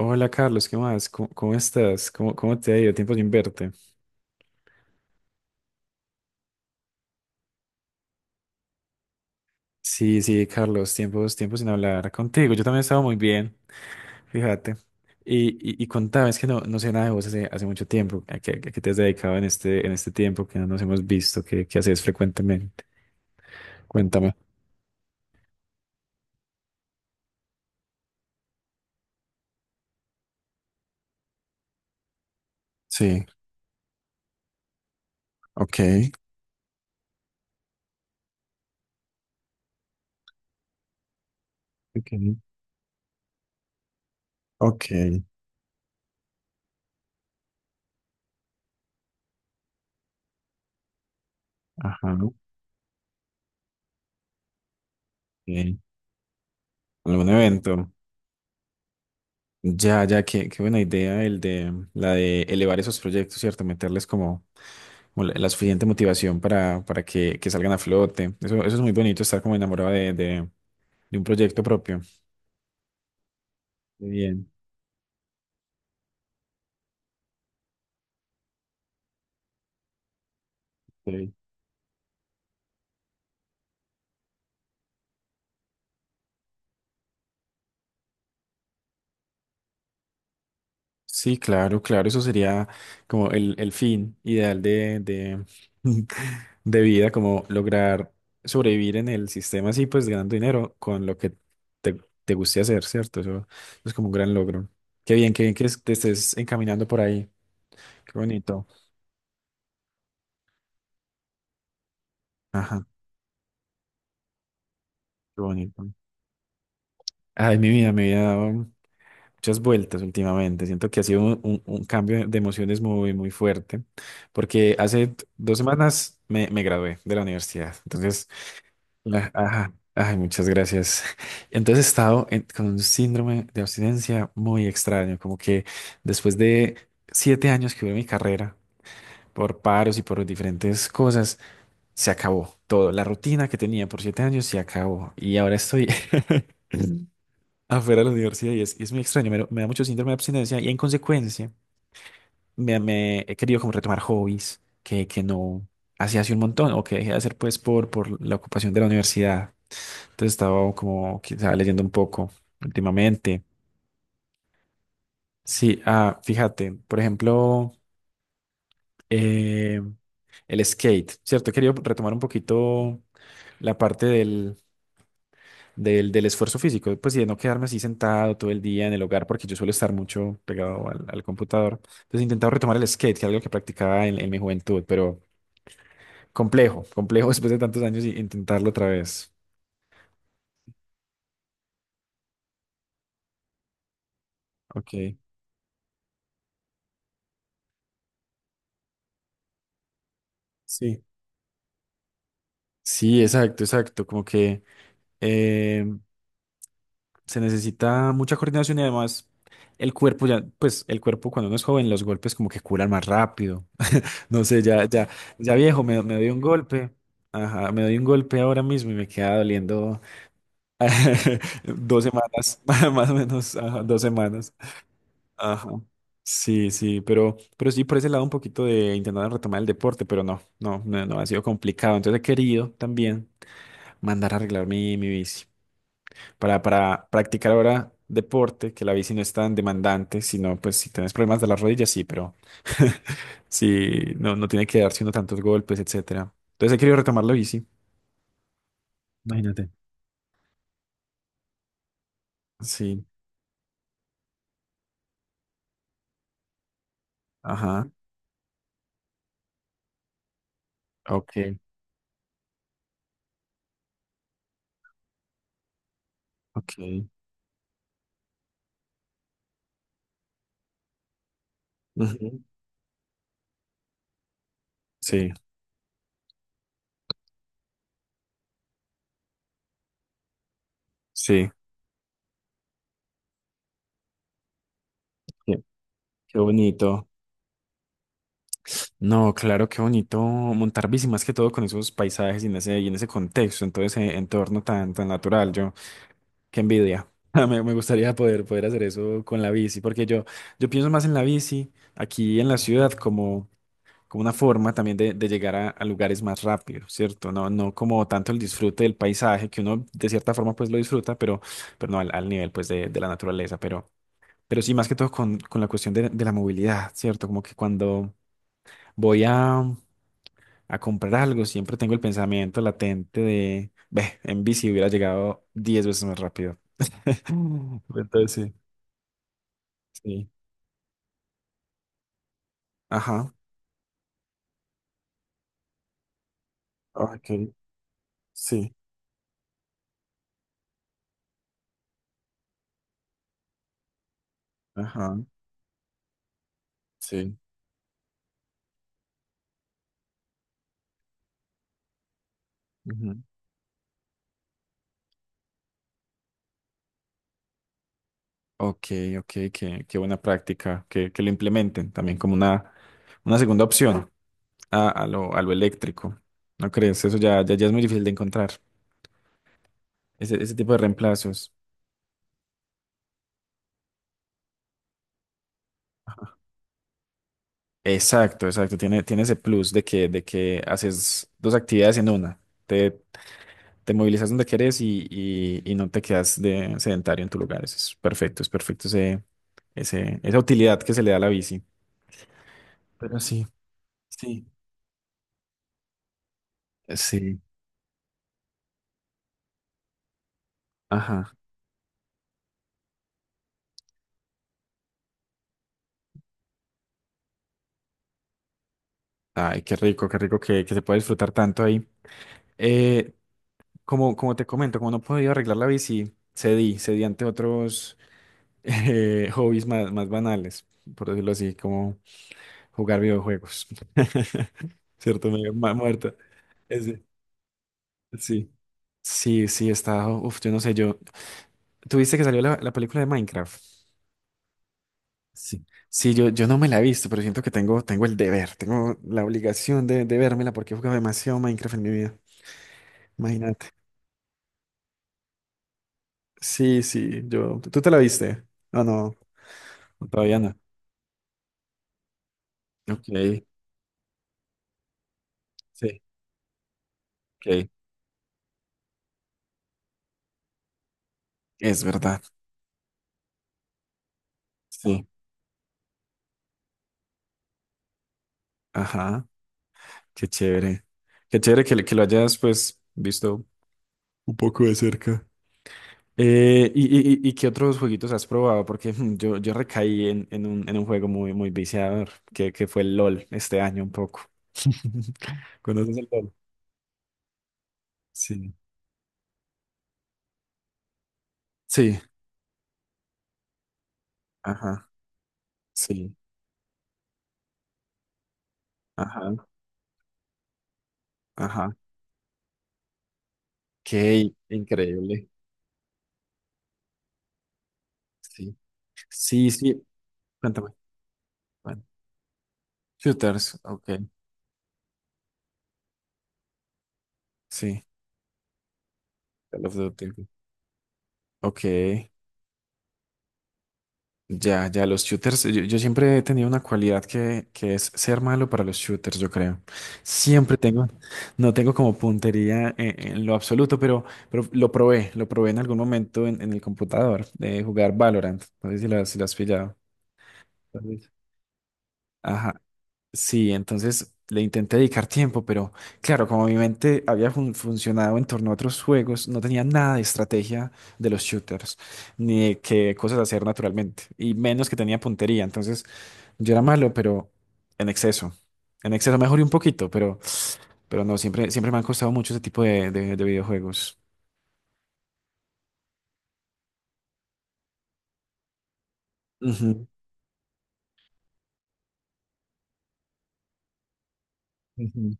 Hola Carlos, ¿qué más? ¿Cómo estás? ¿Cómo te ha ido? Tiempo sin verte. Sí, sí, Carlos, tiempo sin hablar contigo. Yo también estaba muy bien, fíjate. Y, y contame, es que no sé nada de vos hace mucho tiempo. ¿A qué te has dedicado en este tiempo que no nos hemos visto? ¿Qué haces frecuentemente? Cuéntame. Sí, ok. Ok, ok. Ajá. Ok. ¿Algún evento? Ya, ya, qué buena idea el de elevar esos proyectos, ¿cierto? Meterles como la suficiente motivación para que salgan a flote. Eso es muy bonito, estar como enamorado de un proyecto propio. Qué bien. Qué bien. Sí, claro, claro, eso sería como el fin ideal de vida, como lograr sobrevivir en el sistema así, pues ganando dinero con lo que te, te guste hacer, ¿cierto? Eso es como un gran logro. Qué bien que te estés encaminando por ahí. Qué bonito. Ajá, qué bonito. Ay, mi vida me ha dado muchas vueltas últimamente. Siento que ha sido un cambio de emociones muy, muy fuerte, porque hace 2 semanas me gradué de la universidad. Entonces, ajá, ay, muchas gracias. Entonces he estado con un síndrome de abstinencia muy extraño, como que después de 7 años que hubo en mi carrera, por paros y por diferentes cosas, se acabó todo. La rutina que tenía por 7 años se acabó. Y ahora estoy afuera de la universidad y es muy extraño. Me da mucho síndrome de abstinencia y en consecuencia me he querido como retomar hobbies que no hacía hace un montón o que dejé de hacer pues por la ocupación de la universidad. Entonces estaba como quizá leyendo un poco últimamente. Sí, ah, fíjate, por ejemplo, eh, el skate, ¿cierto? He querido retomar un poquito la parte del esfuerzo físico, pues y de no quedarme así sentado todo el día en el hogar, porque yo suelo estar mucho pegado al computador. Entonces he intentado retomar el skate, que es algo que practicaba en mi juventud, pero complejo, complejo después de tantos años y intentarlo otra vez. Ok, sí. Sí, exacto, exacto. Como que eh, se necesita mucha coordinación y además el cuerpo ya, pues el cuerpo cuando uno es joven, los golpes como que curan más rápido. No sé, ya viejo, me doy un golpe. Ajá, me doy un golpe ahora mismo y me queda doliendo 2 semanas, más o menos, ajá, 2 semanas. Ajá. Sí, sí, pero, sí por ese lado un poquito de intentar retomar el deporte, pero no, no, no, no ha sido complicado. Entonces he querido también mandar a arreglar mi bici para practicar ahora deporte, que la bici no es tan demandante, sino pues si tienes problemas de las rodillas, sí, pero sí, no tiene que darse uno tantos golpes, etcétera. Entonces he querido retomar la bici. Imagínate. Sí, ajá, ok, ok. Ujú. Sí, sí, qué, qué bonito. No, claro, qué bonito montar bici, más que todo con esos paisajes y en ese contexto, en todo ese entorno tan, tan natural. Yo, qué envidia. Me gustaría poder, hacer eso con la bici, porque yo pienso más en la bici aquí en la ciudad como una forma también de llegar a lugares más rápido, ¿cierto? No como tanto el disfrute del paisaje, que uno de cierta forma pues lo disfruta, pero no al nivel pues de la naturaleza, pero sí, más que todo con la cuestión de la movilidad, ¿cierto? Como que cuando voy a comprar algo, siempre tengo el pensamiento latente de, ve, en bici hubiera llegado 10 veces más rápido. Entonces sí. Sí. Ajá. Ok. Sí. Ajá. Sí. Ujú. Ok, ok, qué buena práctica, que lo implementen también como una segunda opción a lo eléctrico. ¿No crees? Eso ya es muy difícil de encontrar, ese tipo de reemplazos. Exacto, exacto. Tiene ese plus de que, haces dos actividades en una. Te, te movilizas donde querés y no te quedas de sedentario en tu lugar. Eso es perfecto esa utilidad que se le da a la bici. Pero sí, sí, sí. Ajá. Ay, qué rico que se puede disfrutar tanto ahí. Eh, como te comento, como no podía arreglar la bici, cedí, cedí ante otros hobbies más, más banales, por decirlo así, como... Jugar videojuegos. ¿Cierto? Me muerta. Ese, sí. Sí, sí, está. Uf, yo no sé, yo. ¿Tuviste que salió la película de Minecraft? Sí. Sí, yo, no me la he visto, pero siento que tengo el deber, tengo la obligación de vérmela porque he jugado demasiado Minecraft en mi vida. Imagínate. Sí, sí, yo. ¿Tú te la viste? No, no, todavía no. Ok, sí, ok. Es verdad. Sí. Ajá. Qué chévere. Qué chévere que lo hayas, pues, visto un poco de cerca. Y qué otros jueguitos has probado? Porque yo, recaí en, en un juego muy, muy viciador, que fue el LOL este año un poco. ¿Conoces el LOL? Sí. Sí, ajá, sí, ajá, ajá. Qué increíble. Sí, sí, sí. Cuéntame. Bueno, shooters, ok, sí. Call of Duty. Ok. Ya, ya, los shooters, yo, siempre he tenido una cualidad que es ser malo para los shooters, yo creo. Siempre tengo, no tengo como puntería en lo absoluto, pero, lo probé en algún momento en el computador de jugar Valorant. No sé si si lo has pillado. Tal vez. Ajá. Sí, entonces le intenté dedicar tiempo, pero claro, como mi mente había funcionado en torno a otros juegos, no tenía nada de estrategia de los shooters, ni de qué cosas hacer naturalmente, y menos que tenía puntería. Entonces yo era malo, pero en exceso. En exceso mejoré un poquito, pero, no, siempre, siempre me han costado mucho ese tipo de videojuegos. Ujú. Ujú.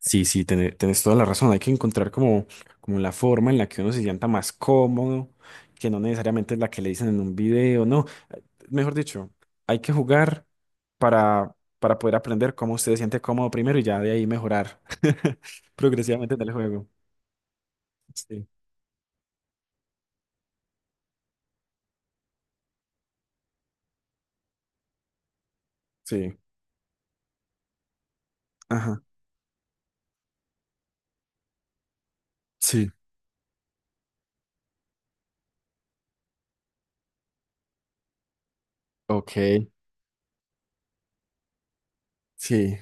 Sí, sí, tenés toda la razón. Hay que encontrar como la forma en la que uno se sienta más cómodo, que no necesariamente es la que le dicen en un video, no. Mejor dicho, hay que jugar para poder aprender cómo usted se siente cómodo primero y ya de ahí mejorar progresivamente en el juego. Sí, sí, ajá, sí, ok, sí,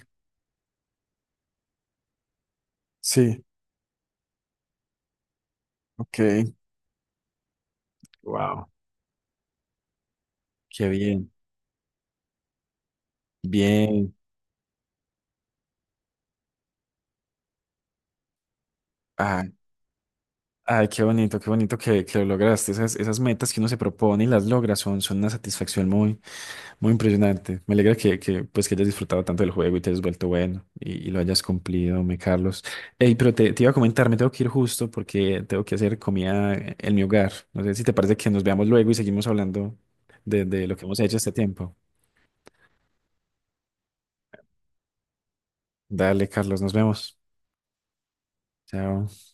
sí, ok, wow, qué bien, bien. Ah, ay, qué bonito que lo lograste. esas, metas que uno se propone y las logra son una satisfacción muy, muy impresionante. Me alegra que hayas disfrutado tanto del juego y te hayas vuelto bueno y lo hayas cumplido, me Carlos. Ey, pero te iba a comentar, me tengo que ir justo porque tengo que hacer comida en mi hogar. No sé si te parece que nos veamos luego y seguimos hablando de lo que hemos hecho este tiempo. Dale, Carlos, nos vemos. Chao.